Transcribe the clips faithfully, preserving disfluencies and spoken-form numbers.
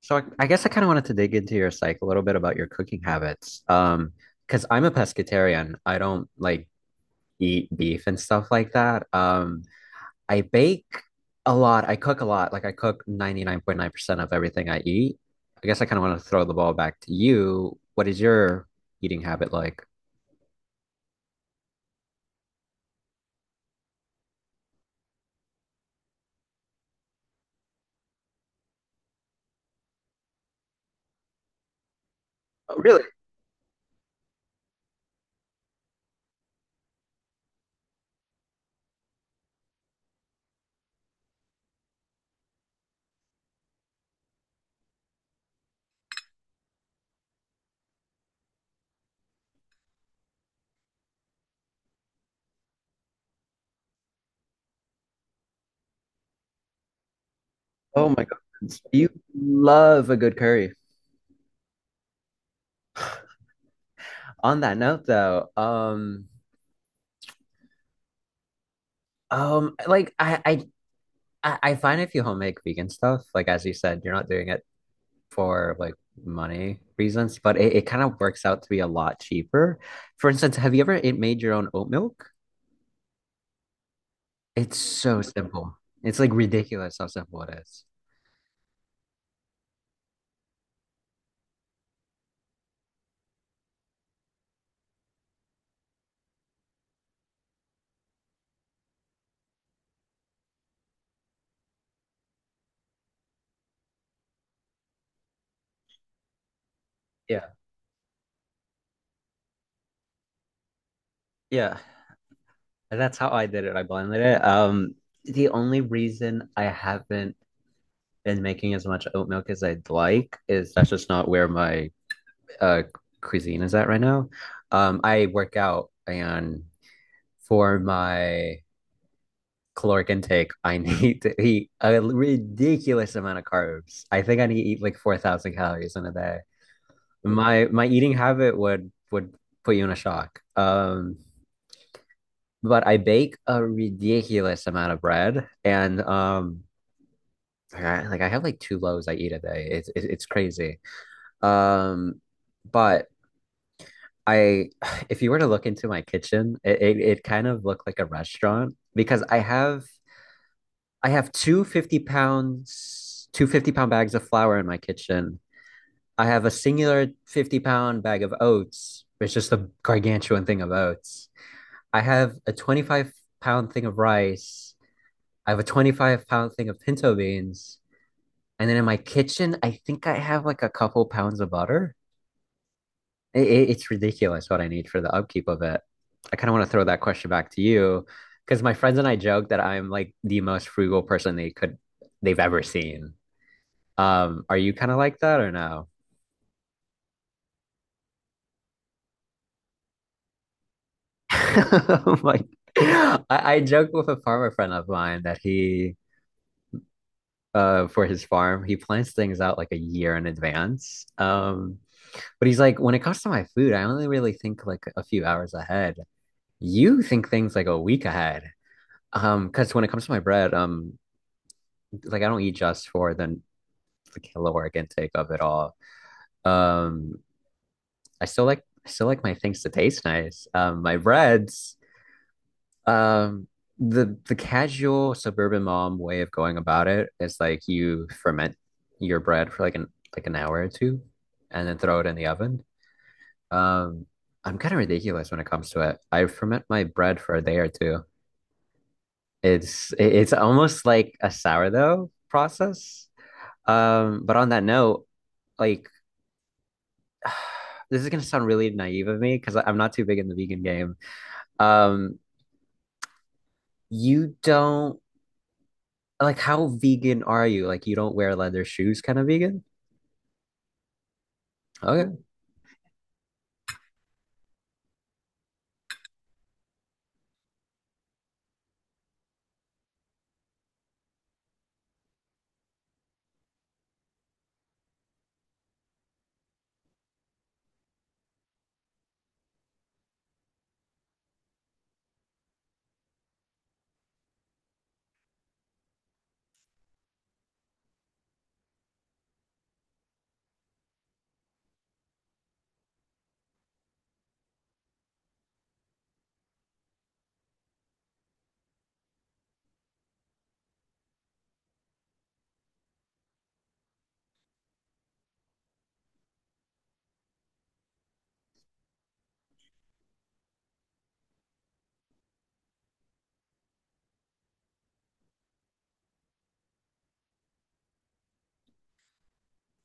So I, I guess I kind of wanted to dig into your psych a little bit about your cooking habits. Um, because I'm a pescatarian. I don't like eat beef and stuff like that. Um, I bake a lot. I cook a lot. Like I cook ninety-nine point nine percent of everything I eat. I guess I kind of want to throw the ball back to you. What is your eating habit like? Oh, really? Oh my God. You love a good curry. On that note though, um, um, like I, I I, I find if you homemade vegan stuff, like as you said, you're not doing it for like money reasons, but it, it kind of works out to be a lot cheaper. For instance, have you ever it made your own oat milk? It's so simple. It's like ridiculous how simple it is. Yeah. Yeah. And that's how I did it. I blended it. Um, the only reason I haven't, and making as much oat milk as I'd like, is that's just not where my uh cuisine is at right now. Um, I work out and for my caloric intake, I need to eat a ridiculous amount of carbs. I think I need to eat like four thousand calories in a day. My my eating habit would would put you in a shock. Um, but I bake a ridiculous amount of bread and um like I, like I have like two loaves I eat a day. It's it's, it's crazy. Um, but I, if you were to look into my kitchen, it, it, it kind of looked like a restaurant because I have I have two fifty pounds, two fifty pound bags of flour in my kitchen. I have a singular fifty pound bag of oats. It's just a gargantuan thing of oats. I have a twenty-five pound thing of rice. I have a twenty-five pound thing of pinto beans. And then in my kitchen, I think I have like a couple pounds of butter. It, it's ridiculous what I need for the upkeep of it. I kind of want to throw that question back to you because my friends and I joke that I'm like the most frugal person they could they've ever seen. Um, are you kind of like that or no? Like, I, I joke with a farmer friend of mine that he uh for his farm he plans things out like a year in advance. Um, but he's like, when it comes to my food, I only really think like a few hours ahead. You think things like a week ahead. Um, because when it comes to my bread, um, like I don't eat just for the the caloric intake of it all. Um, I still like I still like my things to taste nice. Um, my breads. Um, the the casual suburban mom way of going about it is like you ferment your bread for like an like an hour or two, and then throw it in the oven. Um, I'm kind of ridiculous when it comes to it. I ferment my bread for a day or two. It's it's almost like a sourdough process. Um, but on that note, like this is gonna sound really naive of me because I'm not too big in the vegan game. Um, you don't like how vegan are you? Like you don't wear leather shoes, kind of vegan? Okay.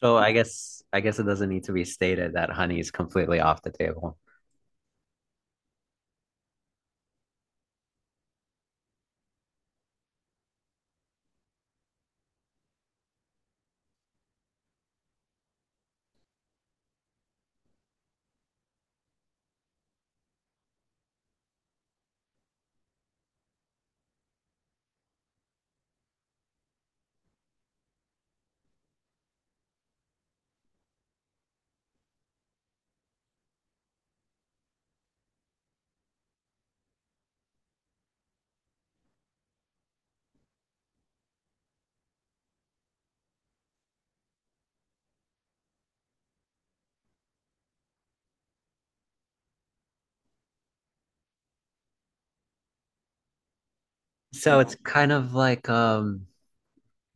So I guess I guess it doesn't need to be stated that honey is completely off the table. So it's kind of like um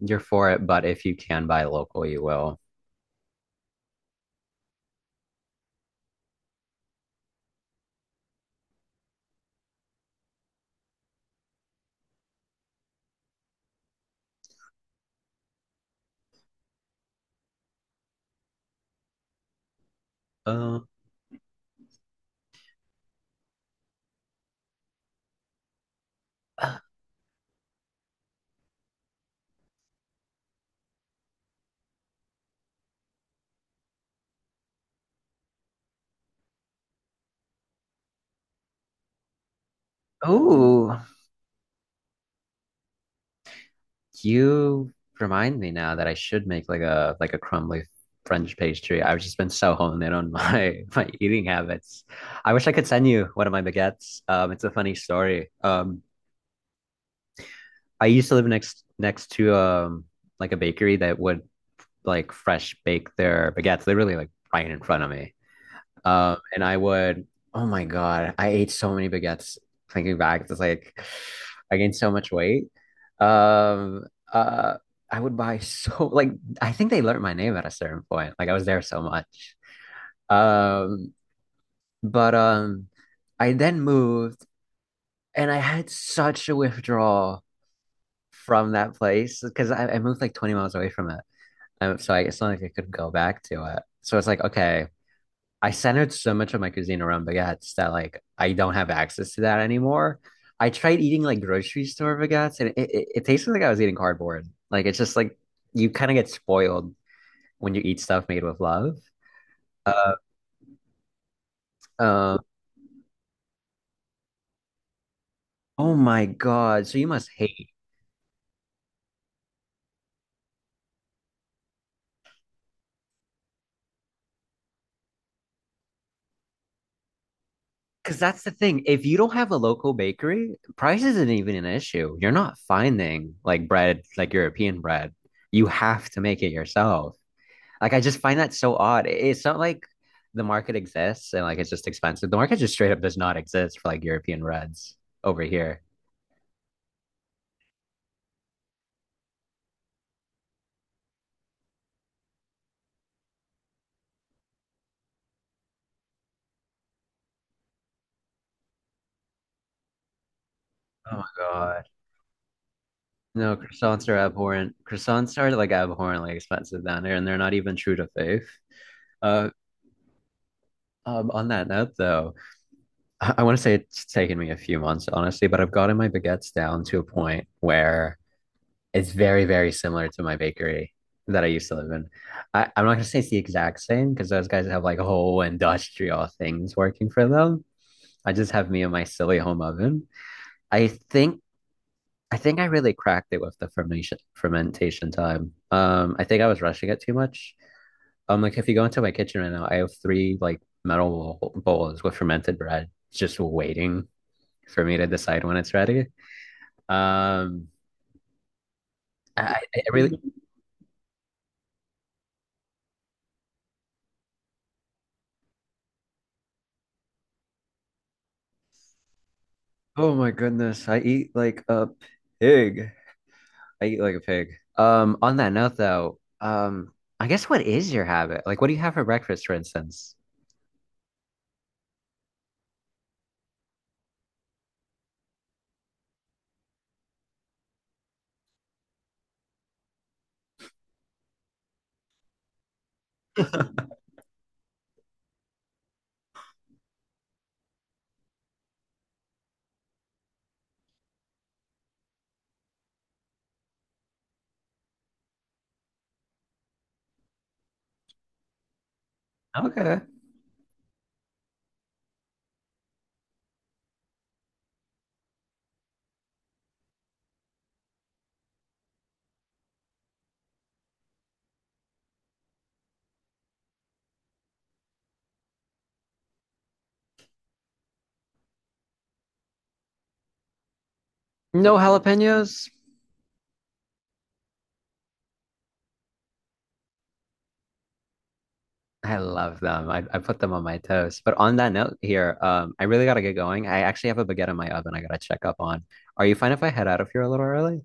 you're for it, but if you can buy local, you will. Uh, oh, You remind me now that I should make like a like a crumbly French pastry. I've just been so honed in on my my eating habits. I wish I could send you one of my baguettes. Um, it's a funny story. Um, I used to live next next to um like a bakery that would like fresh bake their baguettes. They really like right in front of me. Um, and I would, oh my God, I ate so many baguettes thinking back. It's like I gained so much weight. Um, uh, I would buy so like I think they learned my name at a certain point. Like I was there so much. Um, but um I then moved and I had such a withdrawal from that place because I, I moved like twenty miles away from it. Um, so I, it's not like I could go back to it. So it's like, okay, I centered so much of my cuisine around baguettes that like I don't have access to that anymore. I tried eating like grocery store baguettes and it, it, it tasted like I was eating cardboard. Like it's just like you kind of get spoiled when you eat stuff made with love. Uh, uh, oh my God. So you must hate because that's the thing. If you don't have a local bakery, price isn't even an issue. You're not finding like bread, like European bread. You have to make it yourself. Like I just find that so odd. It's not like the market exists and like it's just expensive. The market just straight up does not exist for like European reds over here. Oh my God. No, croissants are abhorrent. Croissants are like abhorrently expensive down there, and they're not even true to faith. Uh, um, on that note, though, I, I want to say it's taken me a few months, honestly, but I've gotten my baguettes down to a point where it's very, very similar to my bakery that I used to live in. I, I'm not gonna say it's the exact same because those guys have like whole industrial things working for them. I just have me and my silly home oven. I think I think I really cracked it with the fermentation fermentation time. Um, I think I was rushing it too much. Um, like if you go into my kitchen right now, I have three like metal bowl- bowls with fermented bread. Oh my goodness. I eat like a pig. I eat like a pig. Um, on that note though, um, I guess what is your habit? Like what do you have for breakfast, for instance? Okay. No jalapenos? I love them. I, I put them on my toast. But on that note here, um, I really gotta get going. I actually have a baguette in my oven I gotta check up on. Are you fine if I head out of here a little early?